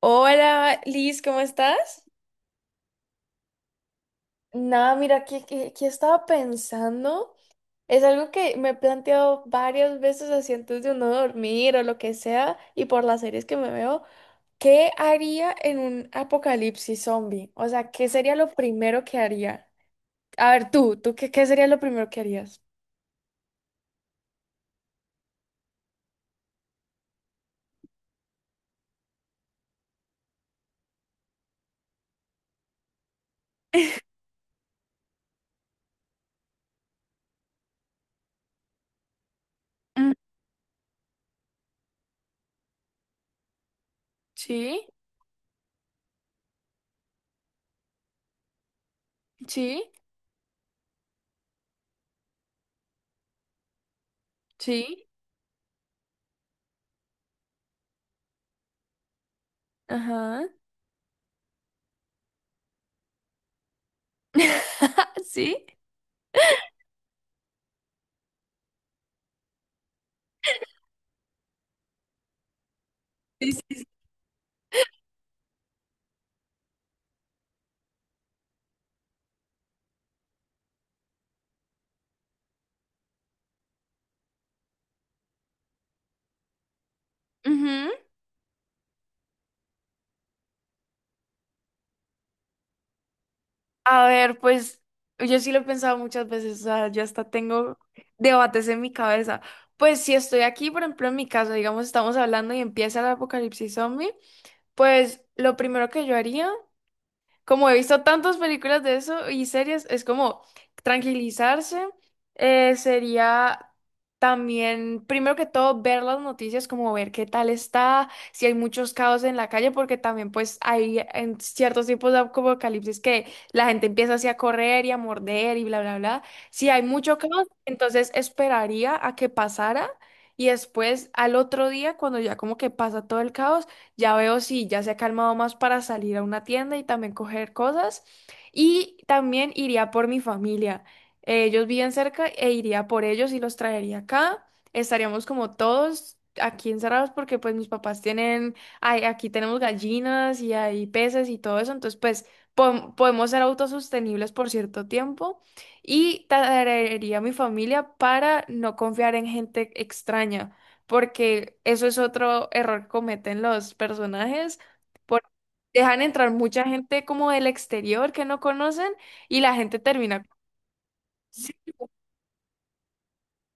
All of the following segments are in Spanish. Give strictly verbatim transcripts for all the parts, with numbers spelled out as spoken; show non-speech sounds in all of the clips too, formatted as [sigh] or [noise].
Hola, Liz, ¿cómo estás? Nada, mira, que estaba pensando. Es algo que me he planteado varias veces así antes de uno dormir o lo que sea, y por las series que me veo, ¿qué haría en un apocalipsis zombie? O sea, ¿qué sería lo primero que haría? A ver, tú, ¿tú qué, qué sería lo primero que harías? Mm, sí, sí, sí, ajá. [laughs] Sí, sí, sí. A ver, pues yo sí lo he pensado muchas veces, o sea, yo hasta tengo debates en mi cabeza. Pues si estoy aquí, por ejemplo, en mi caso, digamos, estamos hablando y empieza el apocalipsis zombie, pues lo primero que yo haría, como he visto tantas películas de eso y series, es como tranquilizarse. Eh, sería también, primero que todo, ver las noticias, como ver qué tal está, si hay muchos caos en la calle, porque también pues hay en ciertos tipos de apocalipsis que la gente empieza así a correr y a morder y bla, bla, bla. Si hay mucho caos, entonces esperaría a que pasara. Y después, al otro día, cuando ya como que pasa todo el caos, ya veo si ya se ha calmado más para salir a una tienda y también coger cosas. Y también iría por mi familia. Eh, ellos viven cerca e iría por ellos y los traería acá. Estaríamos como todos aquí encerrados porque pues mis papás tienen, ay, aquí tenemos gallinas y hay peces y todo eso. Entonces pues pon- podemos ser autosostenibles por cierto tiempo. Y traería a mi familia para no confiar en gente extraña, porque eso es otro error que cometen los personajes, porque dejan entrar mucha gente como del exterior que no conocen y la gente termina.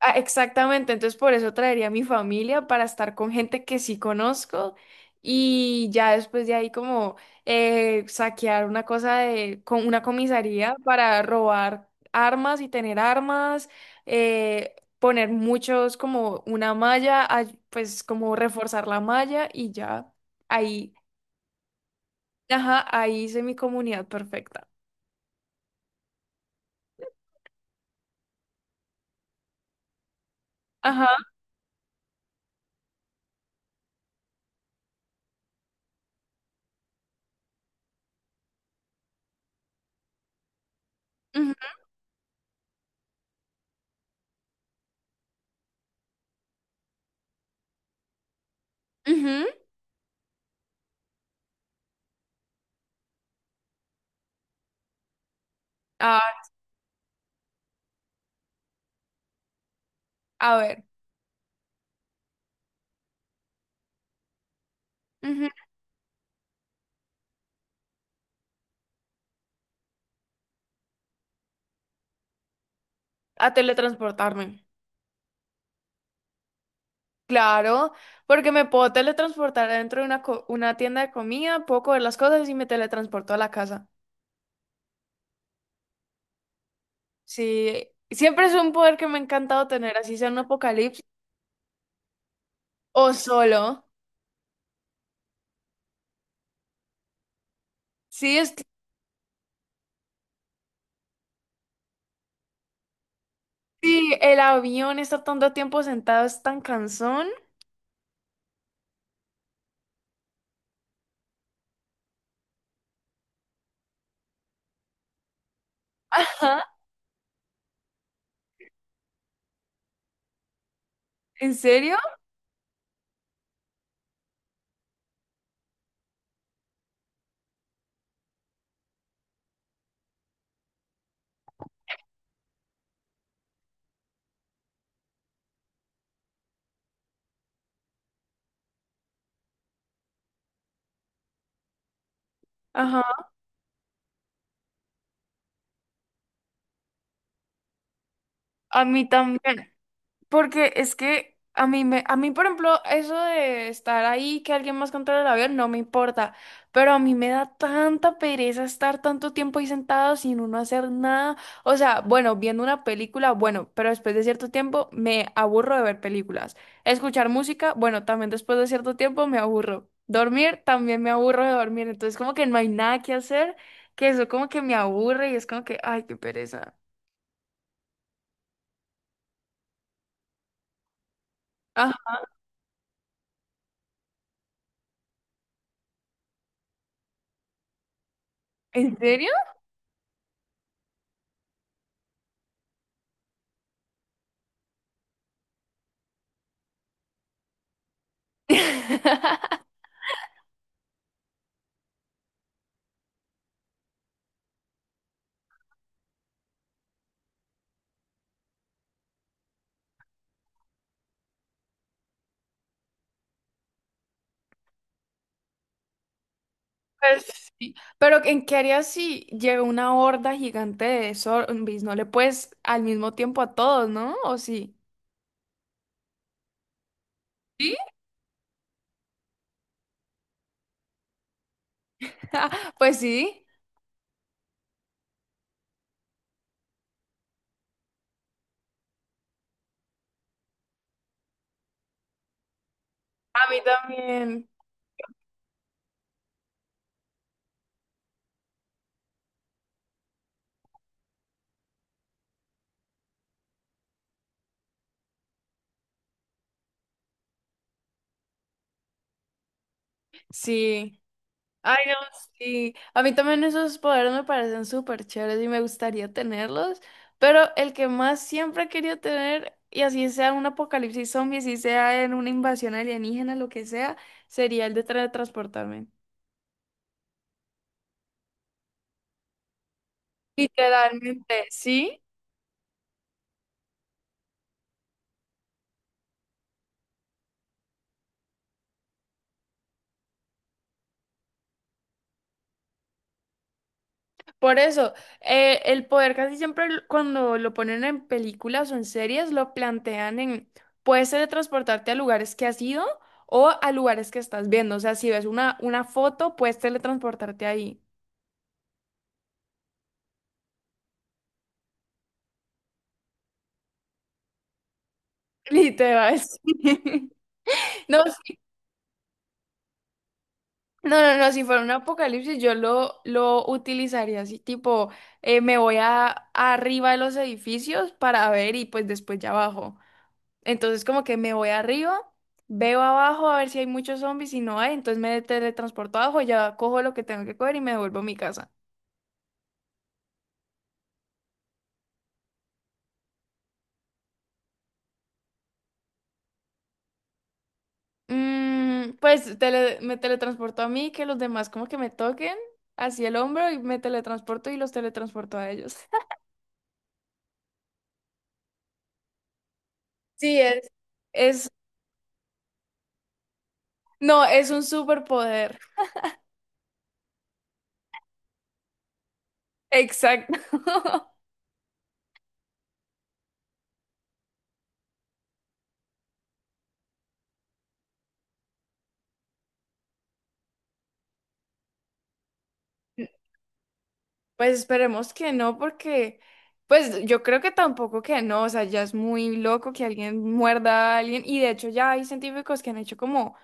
Ah, exactamente, entonces por eso traería a mi familia para estar con gente que sí conozco, y ya después de ahí como eh, saquear una cosa de con una comisaría para robar armas y tener armas, eh, poner muchos como una malla, ay- pues como reforzar la malla y ya ahí, ajá, ahí hice mi comunidad perfecta. Ajá, ujú, ujú. Ah, a ver, ujú, a teletransportarme. Claro, porque me puedo teletransportar dentro de una, co- una tienda de comida, puedo coger las cosas y me teletransporto a la casa. Sí, siempre es un poder que me ha encantado tener, así sea en un apocalipsis o solo. Sí, es que sí, el avión estar tanto tiempo sentado es tan cansón. Ajá, ¿en serio? Ajá, a mí también. Porque es que a mí me, a mí, por ejemplo, eso de estar ahí, que alguien más controle el avión, no me importa. Pero a mí me da tanta pereza estar tanto tiempo ahí sentado sin uno hacer nada. O sea, bueno, viendo una película, bueno, pero después de cierto tiempo me aburro de ver películas. Escuchar música, bueno, también después de cierto tiempo me aburro. Dormir, también me aburro de dormir. Entonces, como que no hay nada que hacer, que eso como que me aburre y es como que, ay, qué pereza. Ah, ¿en serio? [laughs] Pues sí, pero ¿en qué harías si llega una horda gigante de zombies? No le puedes al mismo tiempo a todos, ¿no? ¿O sí? ¿Sí? [laughs] Pues sí, a mí también. Sí. Ay, no, sí. A mí también esos poderes me parecen súper chéveres y me gustaría tenerlos, pero el que más siempre he querido tener, y así sea un apocalipsis zombie, así sea en una invasión alienígena, lo que sea, sería el de teletransportarme. Literalmente, sí. Por eso, eh, el poder casi siempre l- cuando lo ponen en películas o en series, lo plantean en, puedes teletransportarte a lugares que has ido o a lugares que estás viendo. O sea, si ves una, una foto, puedes teletransportarte ahí. [laughs] Y te vas. [laughs] No, s- no, no, no, si fuera un apocalipsis, yo lo, lo utilizaría así, tipo, eh, me voy a, arriba de los edificios para ver y pues después ya abajo. Entonces como que me voy arriba, veo abajo a ver si hay muchos zombies, y no hay, entonces me teletransporto abajo, ya cojo lo que tengo que coger y me devuelvo a mi casa. Mm, pues tele- me teletransporto a mí, que los demás como que me toquen hacia el hombro y me teletransporto y los teletransporto a ellos. [laughs] Sí, es. Es, no, es un superpoder. Exacto. Pues esperemos que no, porque pues yo creo que tampoco que no, o sea, ya es muy loco que alguien muerda a alguien y de hecho ya hay científicos que han hecho como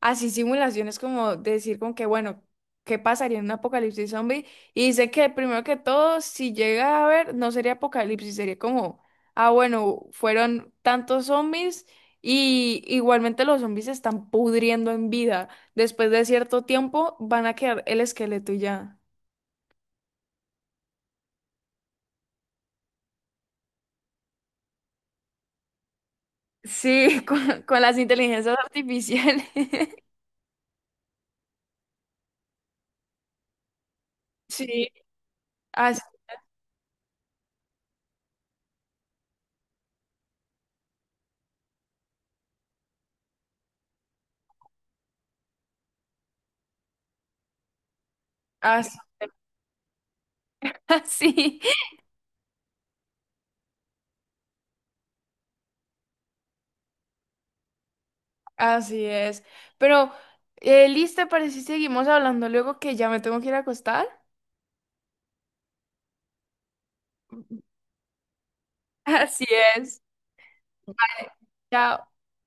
así simulaciones como decir con que bueno, ¿qué pasaría en un apocalipsis zombie? Y dice que primero que todo, si llega a haber, no sería apocalipsis, sería como, ah, bueno, fueron tantos zombies y igualmente los zombies se están pudriendo en vida. Después de cierto tiempo van a quedar el esqueleto y ya. Sí, [laughs] con, con las inteligencias artificiales. [laughs] Sí, así, así, [laughs] así, así es. Pero, eh, ¿lista? Parece que seguimos hablando luego que ya me tengo que ir a acostar. Así es. Chao.